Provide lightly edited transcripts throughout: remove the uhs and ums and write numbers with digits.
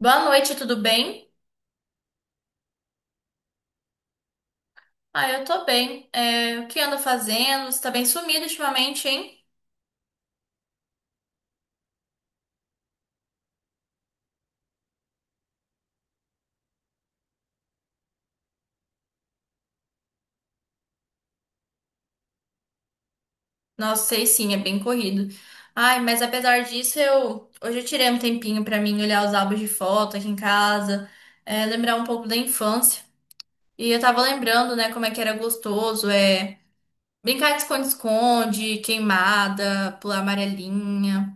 Boa noite, tudo bem? Ah, eu tô bem. É, o que anda fazendo? Você tá bem sumido ultimamente, hein? Nossa, sei sim, é bem corrido. Ai, mas apesar disso, eu hoje eu tirei um tempinho pra mim olhar os álbuns de foto aqui em casa, é, lembrar um pouco da infância. E eu tava lembrando, né, como é que era gostoso, é brincar de esconde-esconde, queimada, pular amarelinha.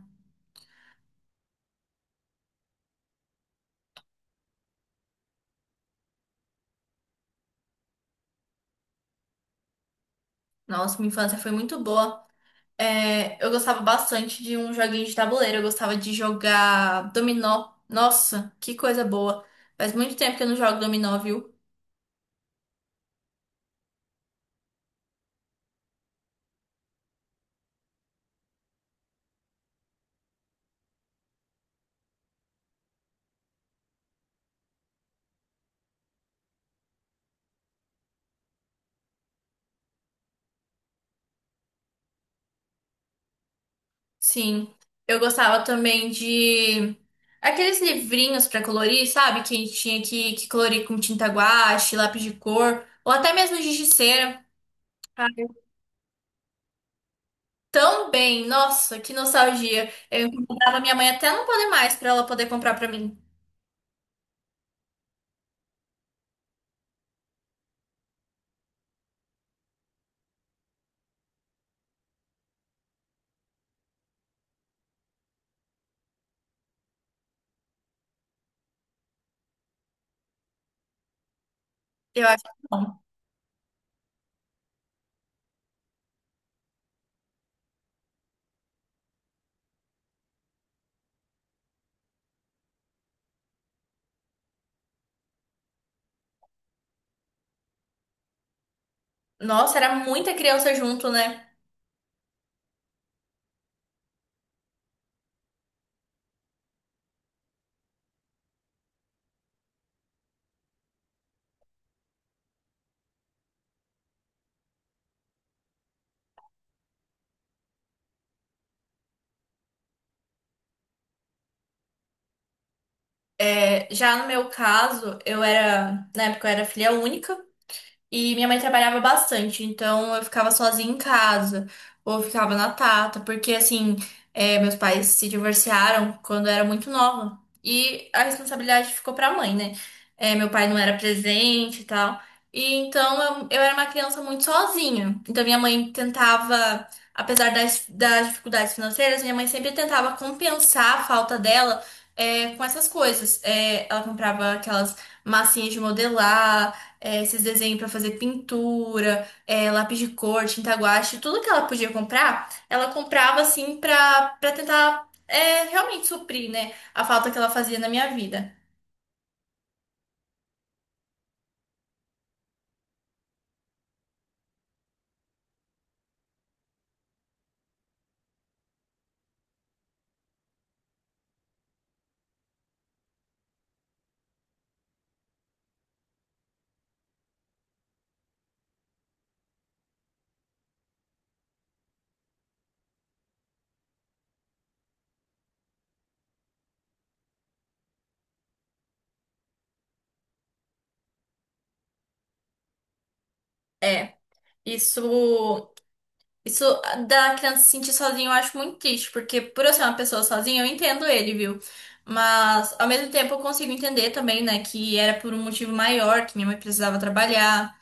Nossa, minha infância foi muito boa. É, eu gostava bastante de um joguinho de tabuleiro. Eu gostava de jogar dominó. Nossa, que coisa boa. Faz muito tempo que eu não jogo dominó, viu? Sim. Eu gostava também de aqueles livrinhos pra colorir, sabe? Que tinha que colorir com tinta guache, lápis de cor, ou até mesmo giz de cera. Também, nossa, que nostalgia. Eu incomodava minha mãe até não poder mais pra ela poder comprar pra mim. Eu acho que não. Nossa, era muita criança junto, né? É, já no meu caso, na época eu era filha única. E minha mãe trabalhava bastante, então eu ficava sozinha em casa, ou ficava na tata, porque assim, é, meus pais se divorciaram quando eu era muito nova. E a responsabilidade ficou pra mãe, né? É, meu pai não era presente e tal. E então eu era uma criança muito sozinha. Então minha mãe tentava, apesar das dificuldades financeiras, minha mãe sempre tentava compensar a falta dela, é, com essas coisas. É, ela comprava aquelas massinhas de modelar, é, esses desenhos pra fazer pintura, é, lápis de cor, tinta guache, tudo que ela podia comprar, ela comprava assim pra para tentar, é, realmente suprir, né, a falta que ela fazia na minha vida. É, isso isso da criança se sentir sozinha eu acho muito triste, porque por eu ser uma pessoa sozinha, eu entendo ele, viu? Mas ao mesmo tempo eu consigo entender também, né, que era por um motivo maior, que minha mãe precisava trabalhar.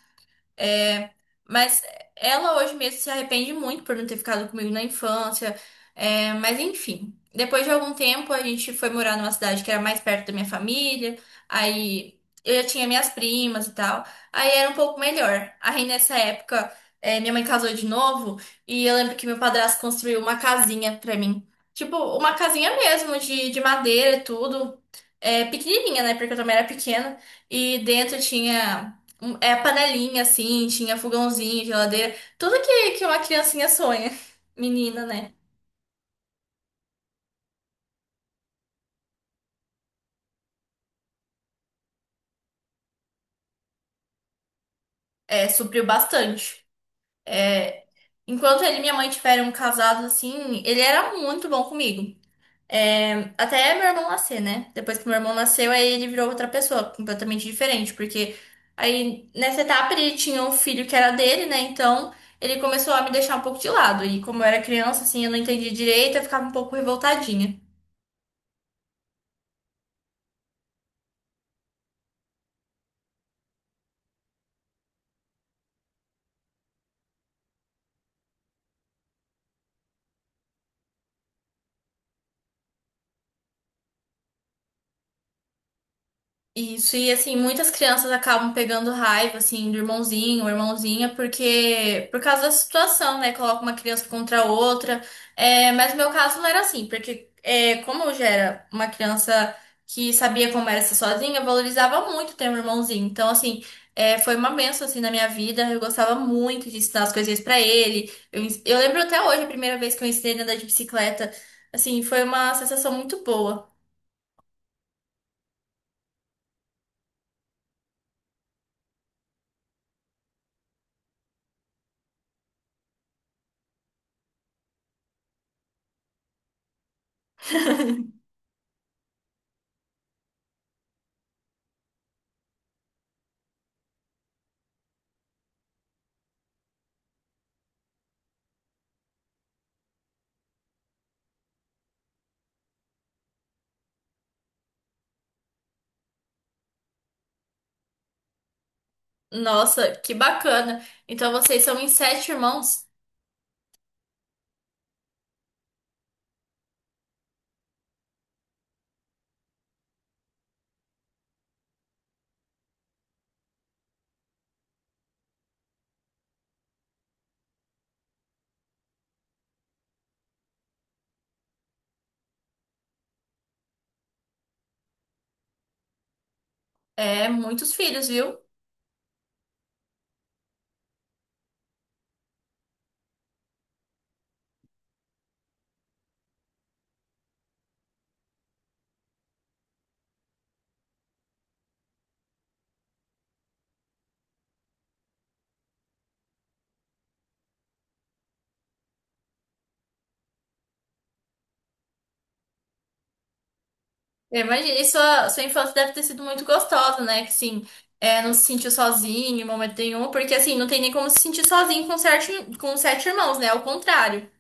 É, mas ela hoje mesmo se arrepende muito por não ter ficado comigo na infância. É, mas enfim, depois de algum tempo a gente foi morar numa cidade que era mais perto da minha família. Aí eu já tinha minhas primas e tal. Aí era um pouco melhor. Aí nessa época, é, minha mãe casou de novo e eu lembro que meu padrasto construiu uma casinha pra mim. Tipo, uma casinha mesmo de madeira e tudo. É, pequenininha, né? Porque eu também era pequena. E dentro tinha é, a panelinha, assim, tinha fogãozinho, geladeira, tudo que uma criancinha sonha. Menina, né? É, supriu bastante. É, enquanto ele e minha mãe tiveram casados, assim, ele era muito bom comigo. É, até meu irmão nascer, né? Depois que meu irmão nasceu, aí ele virou outra pessoa, completamente diferente, porque aí nessa etapa ele tinha um filho que era dele, né? Então ele começou a me deixar um pouco de lado. E como eu era criança, assim, eu não entendia direito, eu ficava um pouco revoltadinha. Isso, e assim, muitas crianças acabam pegando raiva, assim, do irmãozinho ou irmãzinha, porque, por causa da situação, né, coloca uma criança contra a outra. É, mas no meu caso não era assim, porque é, como eu já era uma criança que sabia como era ser sozinha, eu valorizava muito ter um irmãozinho, então, assim, é, foi uma bênção, assim, na minha vida. Eu gostava muito de ensinar as coisinhas pra ele. Eu lembro até hoje a primeira vez que eu ensinei a andar de bicicleta, assim, foi uma sensação muito boa. Nossa, que bacana. Então vocês são em sete irmãos? É, muitos filhos, viu? Eu imagino. E sua infância deve ter sido muito gostosa, né? Que sim, é, não se sentiu sozinho em momento nenhum, porque assim, não tem nem como se sentir sozinho com sete irmãos, né? Ao contrário.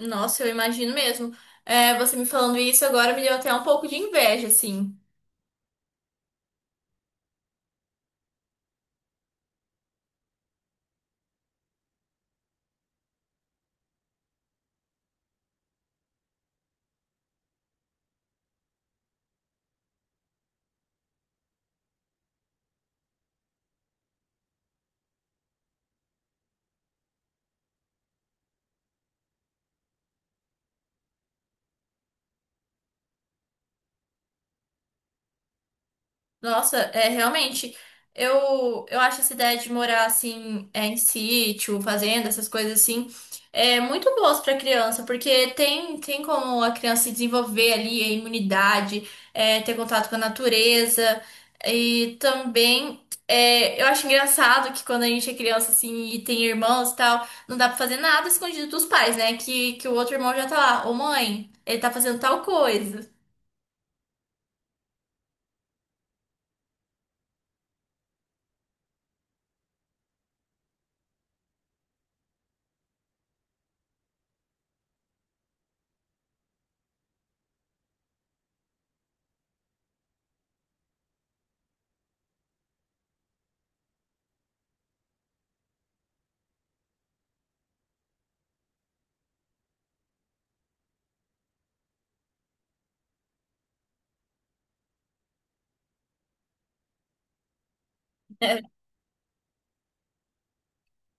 Nossa, eu imagino mesmo. É, você me falando isso agora me deu até um pouco de inveja, assim. Nossa, é realmente. Eu acho essa ideia de morar assim, é, em sítio, fazenda, essas coisas assim, é muito boas para criança, porque tem como a criança se desenvolver ali a imunidade, é, ter contato com a natureza. E também, é, eu acho engraçado que quando a gente é criança assim e tem irmãos e tal, não dá para fazer nada escondido dos pais, né? Que o outro irmão já tá lá: ô mãe, ele tá fazendo tal coisa.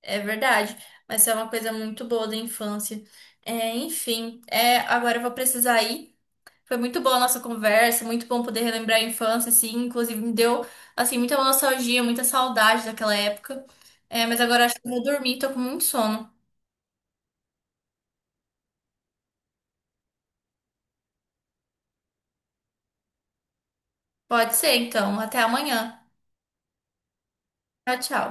É verdade, mas é uma coisa muito boa da infância. É, enfim, é, agora eu vou precisar ir. Foi muito boa a nossa conversa, muito bom poder relembrar a infância, assim, inclusive me deu, assim, muita nostalgia, muita saudade daquela época. É, mas agora acho que eu vou dormir, tô com muito sono. Pode ser, então. Até amanhã. Tchau, tchau.